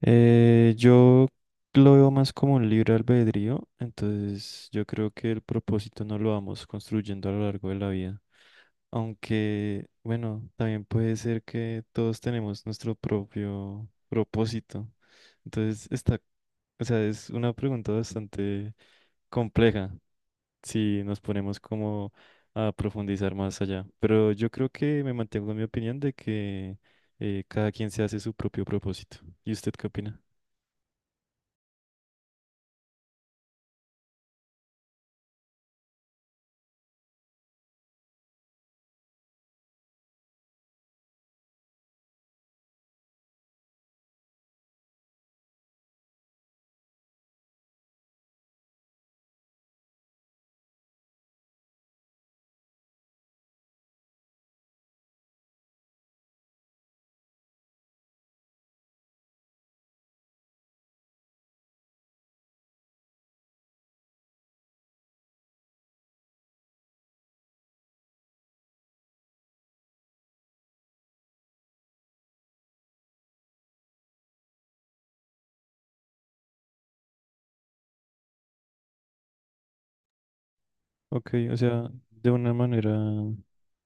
Yo lo veo más como un libre albedrío, entonces yo creo que el propósito no lo vamos construyendo a lo largo de la vida. Aunque, bueno, también puede ser que todos tenemos nuestro propio propósito. Entonces está, o sea, es una pregunta bastante compleja si nos ponemos como a profundizar más allá. Pero yo creo que me mantengo en mi opinión de que cada quien se hace su propio propósito. ¿Y usted qué opina? Ok, o sea, de una manera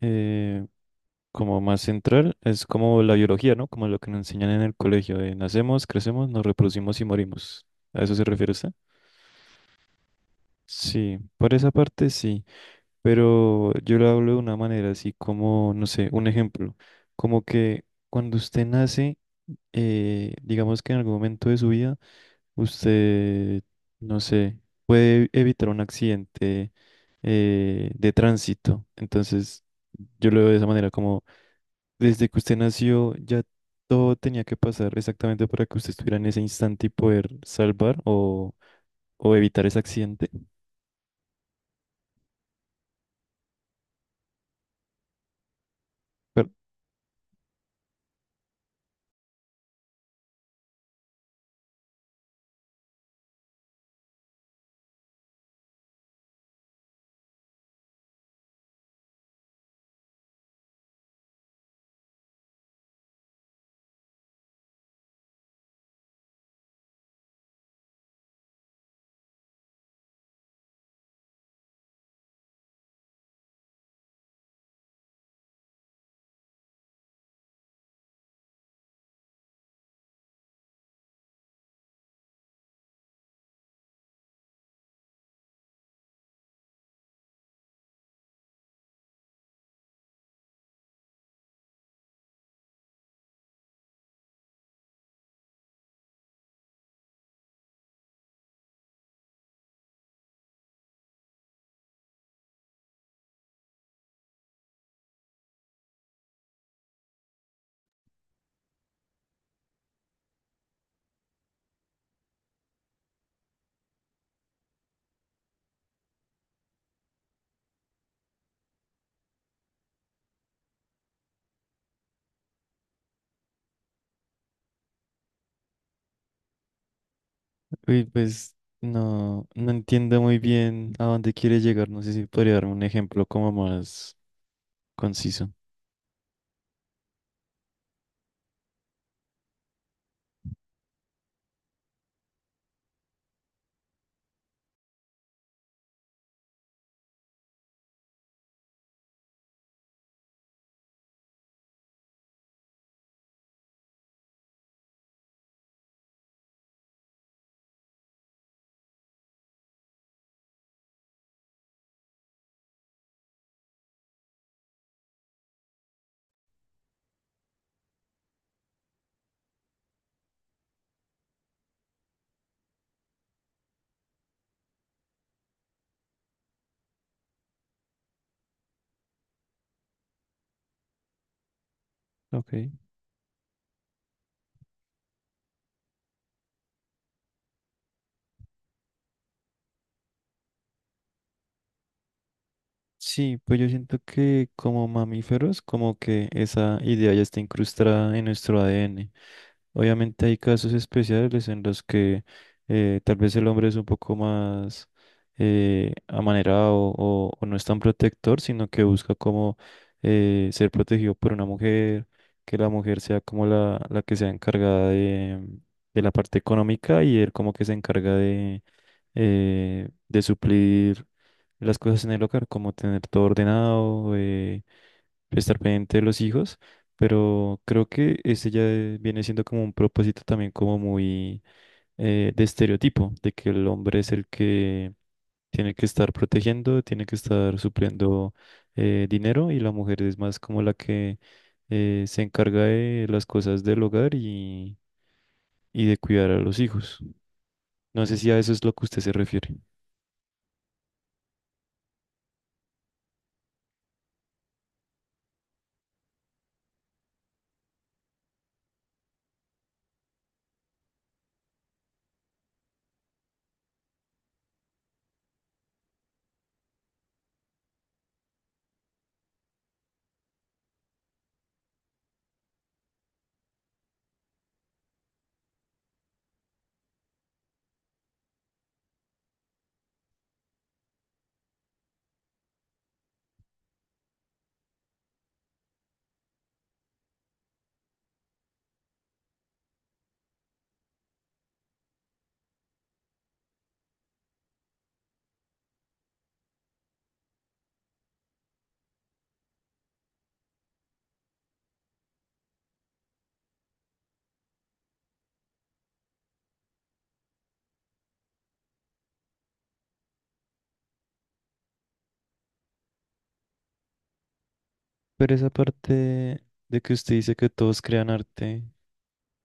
eh, como más central, es como la biología, ¿no? Como lo que nos enseñan en el colegio, de nacemos, crecemos, nos reproducimos y morimos. ¿A eso se refiere usted? Sí, por esa parte sí, pero yo lo hablo de una manera así como, no sé, un ejemplo, como que cuando usted nace, digamos que en algún momento de su vida, usted, no sé, puede evitar un accidente de tránsito. Entonces, yo lo veo de esa manera, como desde que usted nació, ya todo tenía que pasar exactamente para que usted estuviera en ese instante y poder salvar o evitar ese accidente. Pero, uy, pues, no entiendo muy bien a dónde quiere llegar. No sé si podría darme un ejemplo como más conciso. Ok. Sí, pues yo siento que como mamíferos, como que esa idea ya está incrustada en nuestro ADN. Obviamente hay casos especiales en los que tal vez el hombre es un poco más amanerado o no es tan protector, sino que busca como ser protegido por una mujer, que la mujer sea como la que sea encargada de la parte económica y él como que se encarga de suplir las cosas en el hogar, como tener todo ordenado, estar pendiente de los hijos. Pero creo que ese ya viene siendo como un propósito también como muy de estereotipo, de que el hombre es el que tiene que estar protegiendo, tiene que estar supliendo dinero y la mujer es más como la que se encarga de las cosas del hogar y de cuidar a los hijos. No sé si a eso es lo que usted se refiere. Pero esa parte de que usted dice que todos crean arte.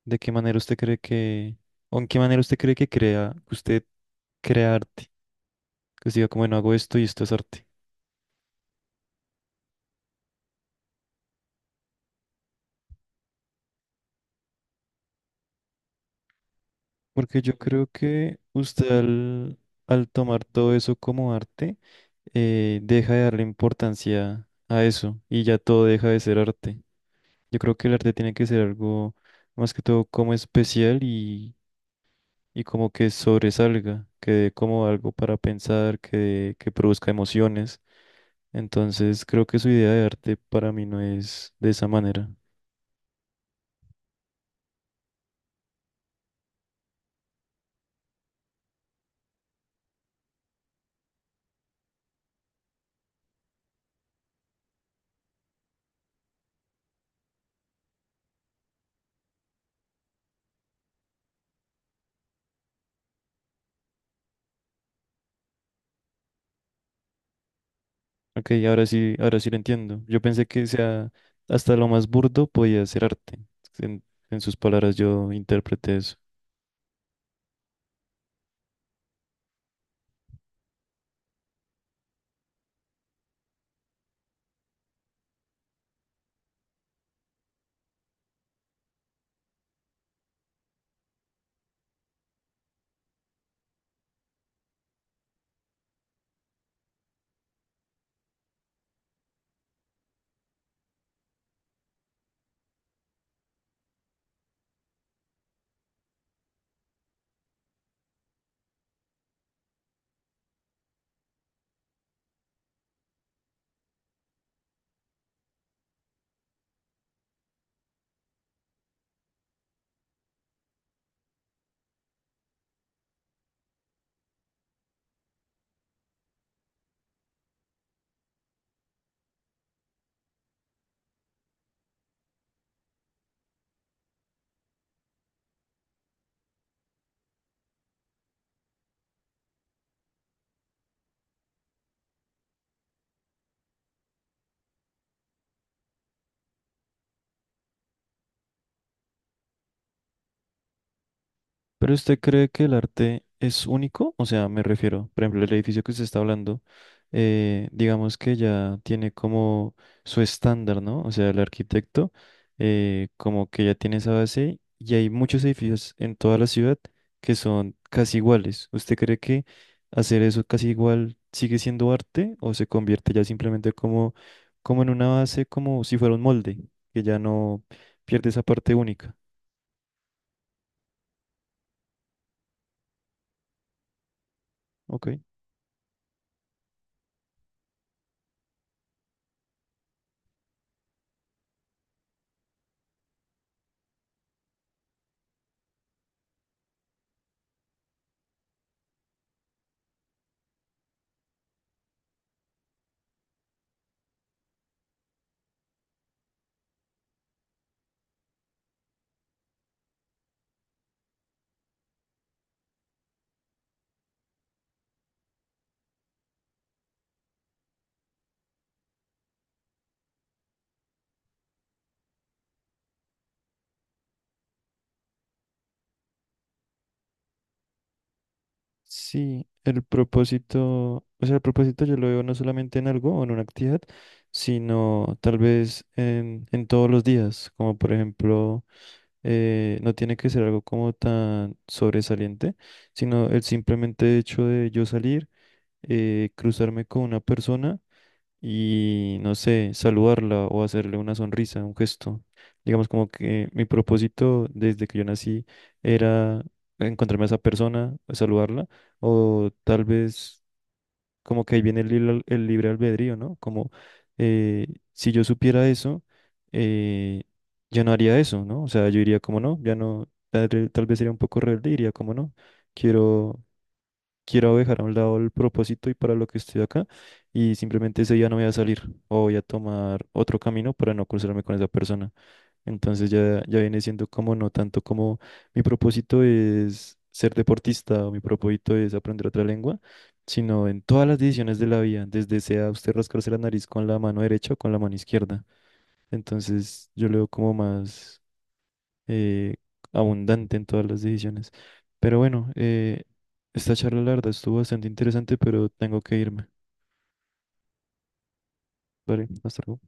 ¿De qué manera usted cree que, o en qué manera usted cree que crea, que usted crea arte? Que usted diga, como, bueno, hago esto y esto es arte. Porque yo creo que usted al tomar todo eso como arte, deja de darle importancia a eso y ya todo deja de ser arte. Yo creo que el arte tiene que ser algo más que todo como especial y como que sobresalga, que dé como algo para pensar, que produzca emociones. Entonces creo que su idea de arte para mí no es de esa manera. Ok, ahora sí lo entiendo. Yo pensé que sea hasta lo más burdo podía ser arte. En, en sus palabras yo interpreté eso. ¿Pero usted cree que el arte es único? O sea, me refiero, por ejemplo, el edificio que usted está hablando, digamos que ya tiene como su estándar, ¿no? O sea, el arquitecto, como que ya tiene esa base y hay muchos edificios en toda la ciudad que son casi iguales. ¿Usted cree que hacer eso casi igual sigue siendo arte o se convierte ya simplemente como, como en una base, como si fuera un molde, que ya no pierde esa parte única? Ok. Sí, el propósito, o sea, el propósito yo lo veo no solamente en algo o en una actividad, sino tal vez en todos los días, como por ejemplo, no tiene que ser algo como tan sobresaliente, sino el simplemente hecho de yo salir, cruzarme con una persona y no sé, saludarla o hacerle una sonrisa, un gesto. Digamos como que mi propósito desde que yo nací era encontrarme a esa persona, saludarla, o tal vez como que ahí viene el, el libre albedrío, ¿no? Como eh, si yo supiera eso, eh, ya no haría eso, ¿no? O sea, yo diría como no, ya no, tal vez sería un poco rebelde, diría como no, quiero quiero dejar a un lado el propósito y para lo que estoy acá y simplemente ese día no voy a salir o voy a tomar otro camino para no cruzarme con esa persona. Entonces ya, ya viene siendo como no tanto como mi propósito es ser deportista o mi propósito es aprender otra lengua, sino en todas las decisiones de la vida, desde sea usted rascarse la nariz con la mano derecha o con la mano izquierda. Entonces yo lo veo como más eh, abundante en todas las decisiones. Pero bueno, esta charla larga estuvo bastante interesante, pero tengo que irme. Vale, hasta luego.